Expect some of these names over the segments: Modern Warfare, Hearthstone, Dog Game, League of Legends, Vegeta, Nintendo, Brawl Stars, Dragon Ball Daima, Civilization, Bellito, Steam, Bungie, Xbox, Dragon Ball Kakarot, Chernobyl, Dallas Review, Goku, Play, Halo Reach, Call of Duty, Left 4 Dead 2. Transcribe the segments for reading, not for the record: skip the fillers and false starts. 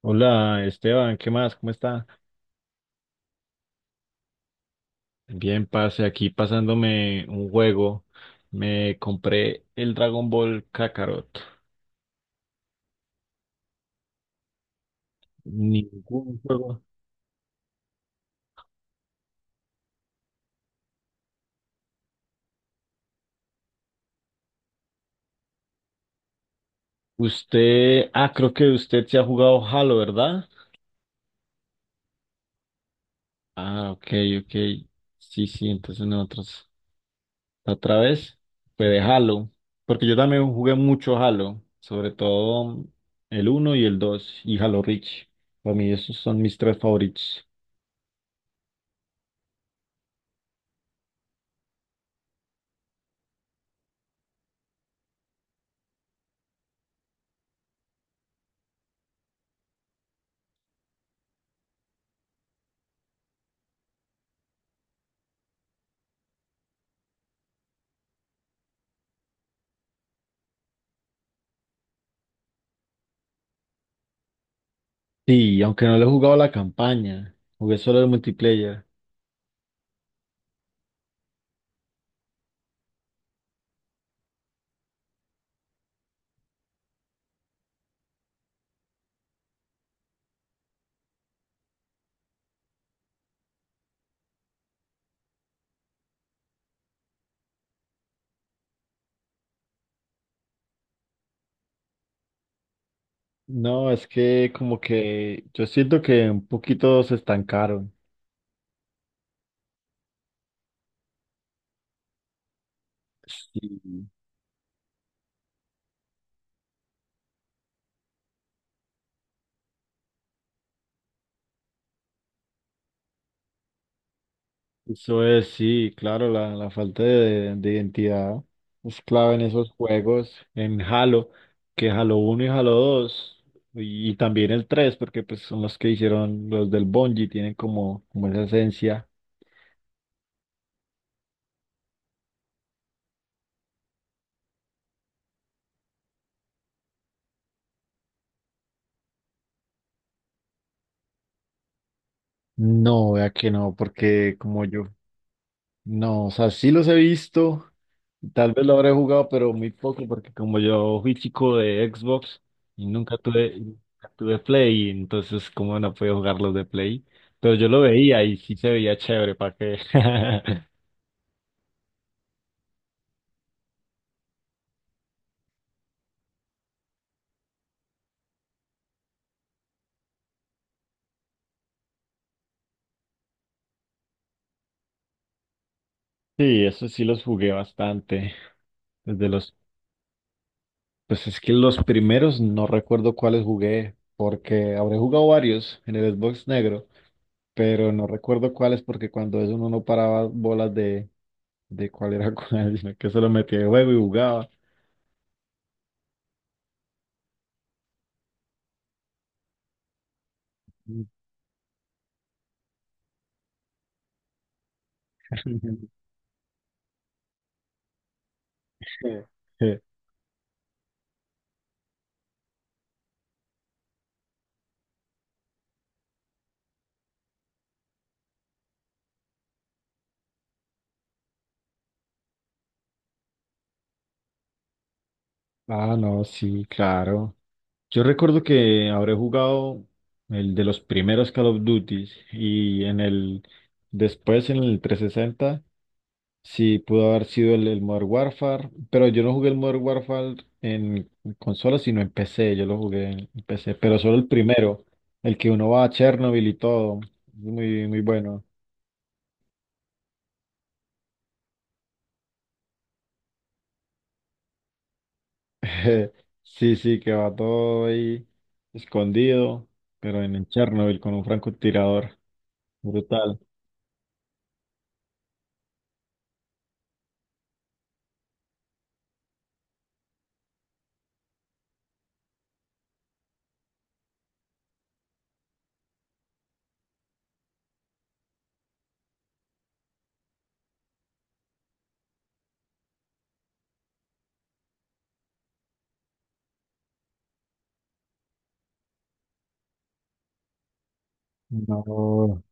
Hola Esteban, ¿qué más? ¿Cómo está? Bien, pase aquí pasándome un juego. Me compré el Dragon Ball Kakarot. Ningún juego. Usted, creo que usted se ha jugado Halo, ¿verdad? Ah, ok, ok. Sí, sí, entonces nosotros la otra vez fue de Halo. Porque yo también jugué mucho Halo, sobre todo el uno y el 2 y Halo Reach. Para mí esos son mis tres favoritos. Sí, aunque no le he jugado la campaña, jugué solo el multiplayer. No, es que como que yo siento que un poquito se estancaron. Sí, eso es, sí, claro, la falta de identidad es clave en esos juegos, en Halo, que Halo uno y Halo 2 y también el 3, porque pues son los que hicieron los del Bungie, tienen como, como esa esencia. No, vea que no, porque como yo. No, o sea, sí los he visto, tal vez lo habré jugado, pero muy poco, porque como yo fui chico de Xbox y nunca tuve, nunca tuve Play, entonces como no podía jugar los de Play, pero yo lo veía y sí se veía chévere, ¿para qué? Sí, eso sí los jugué bastante, desde los. Pues es que los primeros no recuerdo cuáles jugué, porque habré jugado varios en el Xbox negro, pero no recuerdo cuáles porque cuando eso uno no paraba bolas de cuál era cuál, sino que se lo metía de juego y jugaba. Eh, ah, no, sí, claro. Yo recuerdo que habré jugado el de los primeros Call of Duty y en el después en el trescientos sesenta. Sí, pudo haber sido el Modern Warfare, pero yo no jugué el Modern Warfare en consola, sino en PC, yo lo jugué en PC, pero solo el primero, el que uno va a Chernobyl y todo, es muy, muy bueno. Sí, sí, que va todo ahí escondido, pero en el Chernobyl con un francotirador, brutal. No.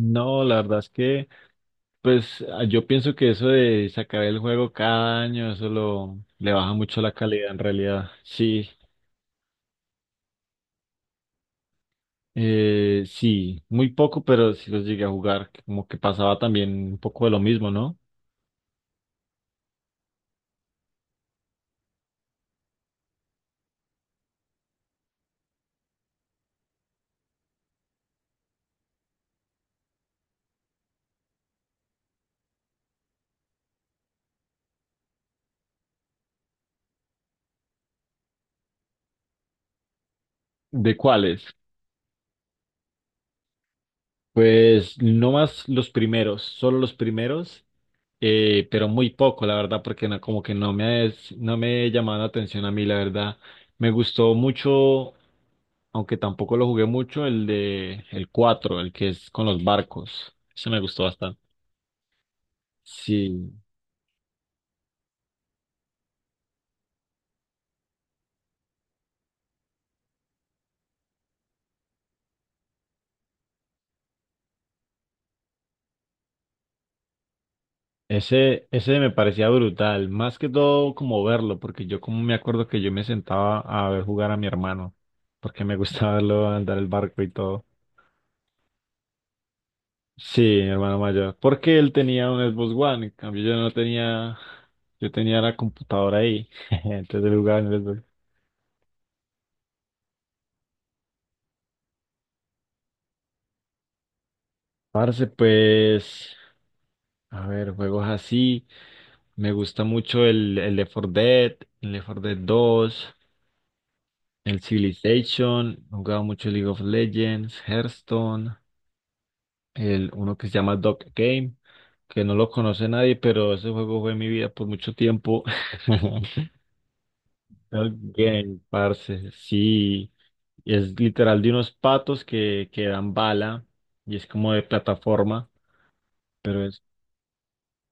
No, la verdad es que, pues yo pienso que eso de sacar el juego cada año, eso lo, le baja mucho la calidad en realidad. Sí, sí, muy poco, pero sí los llegué a jugar, que como que pasaba también un poco de lo mismo, ¿no? ¿De cuáles? Pues no más los primeros, solo los primeros, pero muy poco, la verdad, porque no, como que no me, no me llamaban la atención a mí, la verdad. Me gustó mucho, aunque tampoco lo jugué mucho, el de el 4 el que es con los barcos. Ese me gustó bastante. Sí, ese me parecía brutal, más que todo como verlo, porque yo como me acuerdo que yo me sentaba a ver jugar a mi hermano, porque me gustaba verlo andar el barco y todo. Sí, mi hermano mayor, porque él tenía un Xbox One, en cambio yo no tenía, yo tenía la computadora ahí, entonces él jugaba en el Xbox. Parce, pues, a ver, juegos así. Me gusta mucho el Left 4 Dead, el Left 4 Dead 2, el Civilization, he jugado mucho League of Legends, Hearthstone, el uno que se llama Dog Game, que no lo conoce nadie, pero ese juego fue mi vida por mucho tiempo. Dog Game, parce, sí, es literal de unos patos que dan bala y es como de plataforma, pero es,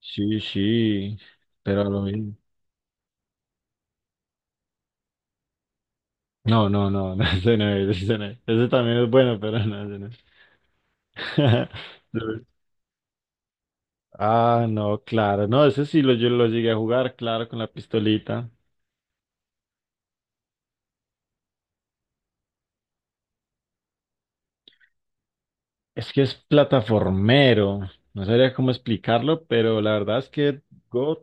sí, sí, pero a lo mismo. No, no, no, no, ese no es, ese no es. Ese también es bueno, pero no, ese no es. Lo- ah, no, claro, no, ese sí lo, yo lo llegué a jugar, claro, con la pistolita. Es que es plataformero, no sabría cómo explicarlo, pero la verdad es que God,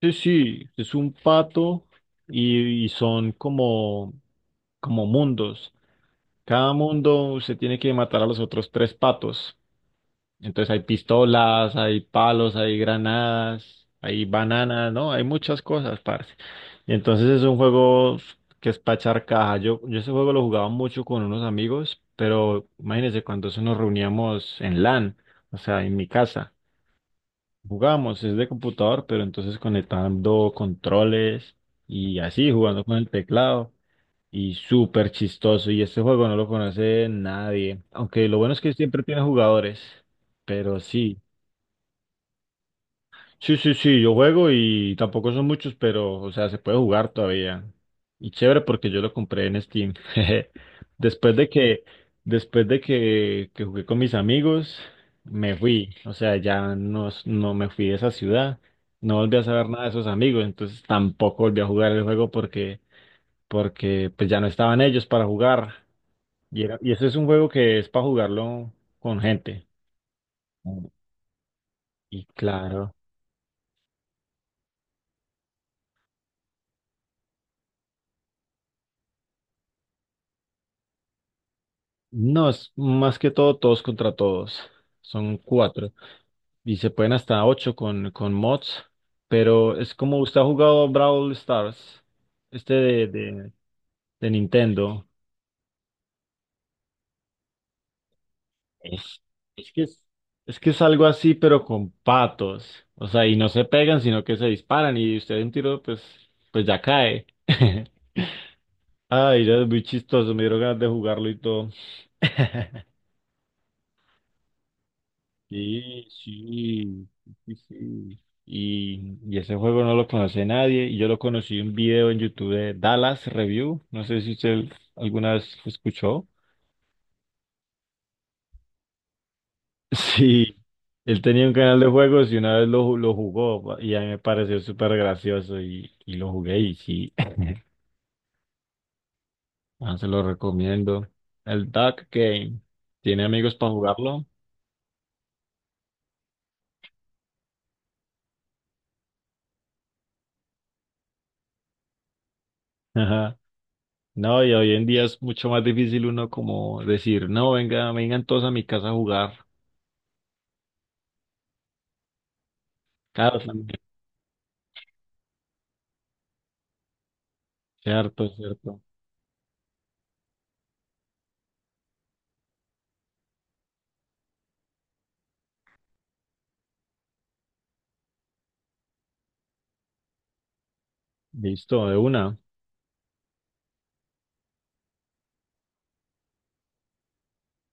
sí, sí, es un pato y son como, como mundos. Cada mundo se tiene que matar a los otros tres patos. Entonces hay pistolas, hay palos, hay granadas, hay bananas, ¿no? Hay muchas cosas, parce. Y entonces es un juego que es para echar caja. Yo ese juego lo jugaba mucho con unos amigos, pero imagínense cuando eso nos reuníamos en LAN, o sea, en mi casa. Jugábamos, es de computador, pero entonces conectando controles y así, jugando con el teclado. Y súper chistoso. Y este juego no lo conoce nadie. Aunque lo bueno es que siempre tiene jugadores. Pero sí. Sí, sí, sí, yo juego y tampoco son muchos, pero, o sea, se puede jugar todavía. Y chévere porque yo lo compré en Steam. Después de que, después de que jugué con mis amigos, me fui. O sea, ya no, no me fui de esa ciudad. No volví a saber nada de esos amigos, entonces tampoco volví a jugar el juego porque, porque pues ya no estaban ellos para jugar. Y ese es un juego que es para jugarlo con gente. Y claro. No, es más que todo todos contra todos. Son cuatro. Y se pueden hasta ocho con mods. Pero es como usted ha jugado Brawl Stars, este de Nintendo. Es, es que es, es que es algo así, pero con patos. O sea, y no se pegan, sino que se disparan. Y usted de un tiro, pues, pues ya cae. Ay, ya es muy chistoso. Me dieron ganas de jugarlo y todo. Sí, sí, sí, sí. Y ese juego no lo conoce nadie. Y yo lo conocí en un video en YouTube de Dallas Review. No sé si usted alguna vez escuchó. Sí, él tenía un canal de juegos y una vez lo, lo jugó y a mí me pareció súper gracioso y lo jugué y sí, ah, se lo recomiendo. El Duck Game, ¿tiene amigos para jugarlo? Ajá. No, y hoy en día es mucho más difícil uno como decir, no, venga, vengan todos a mi casa a jugar. Claro, también. Cierto, cierto. Listo, de una.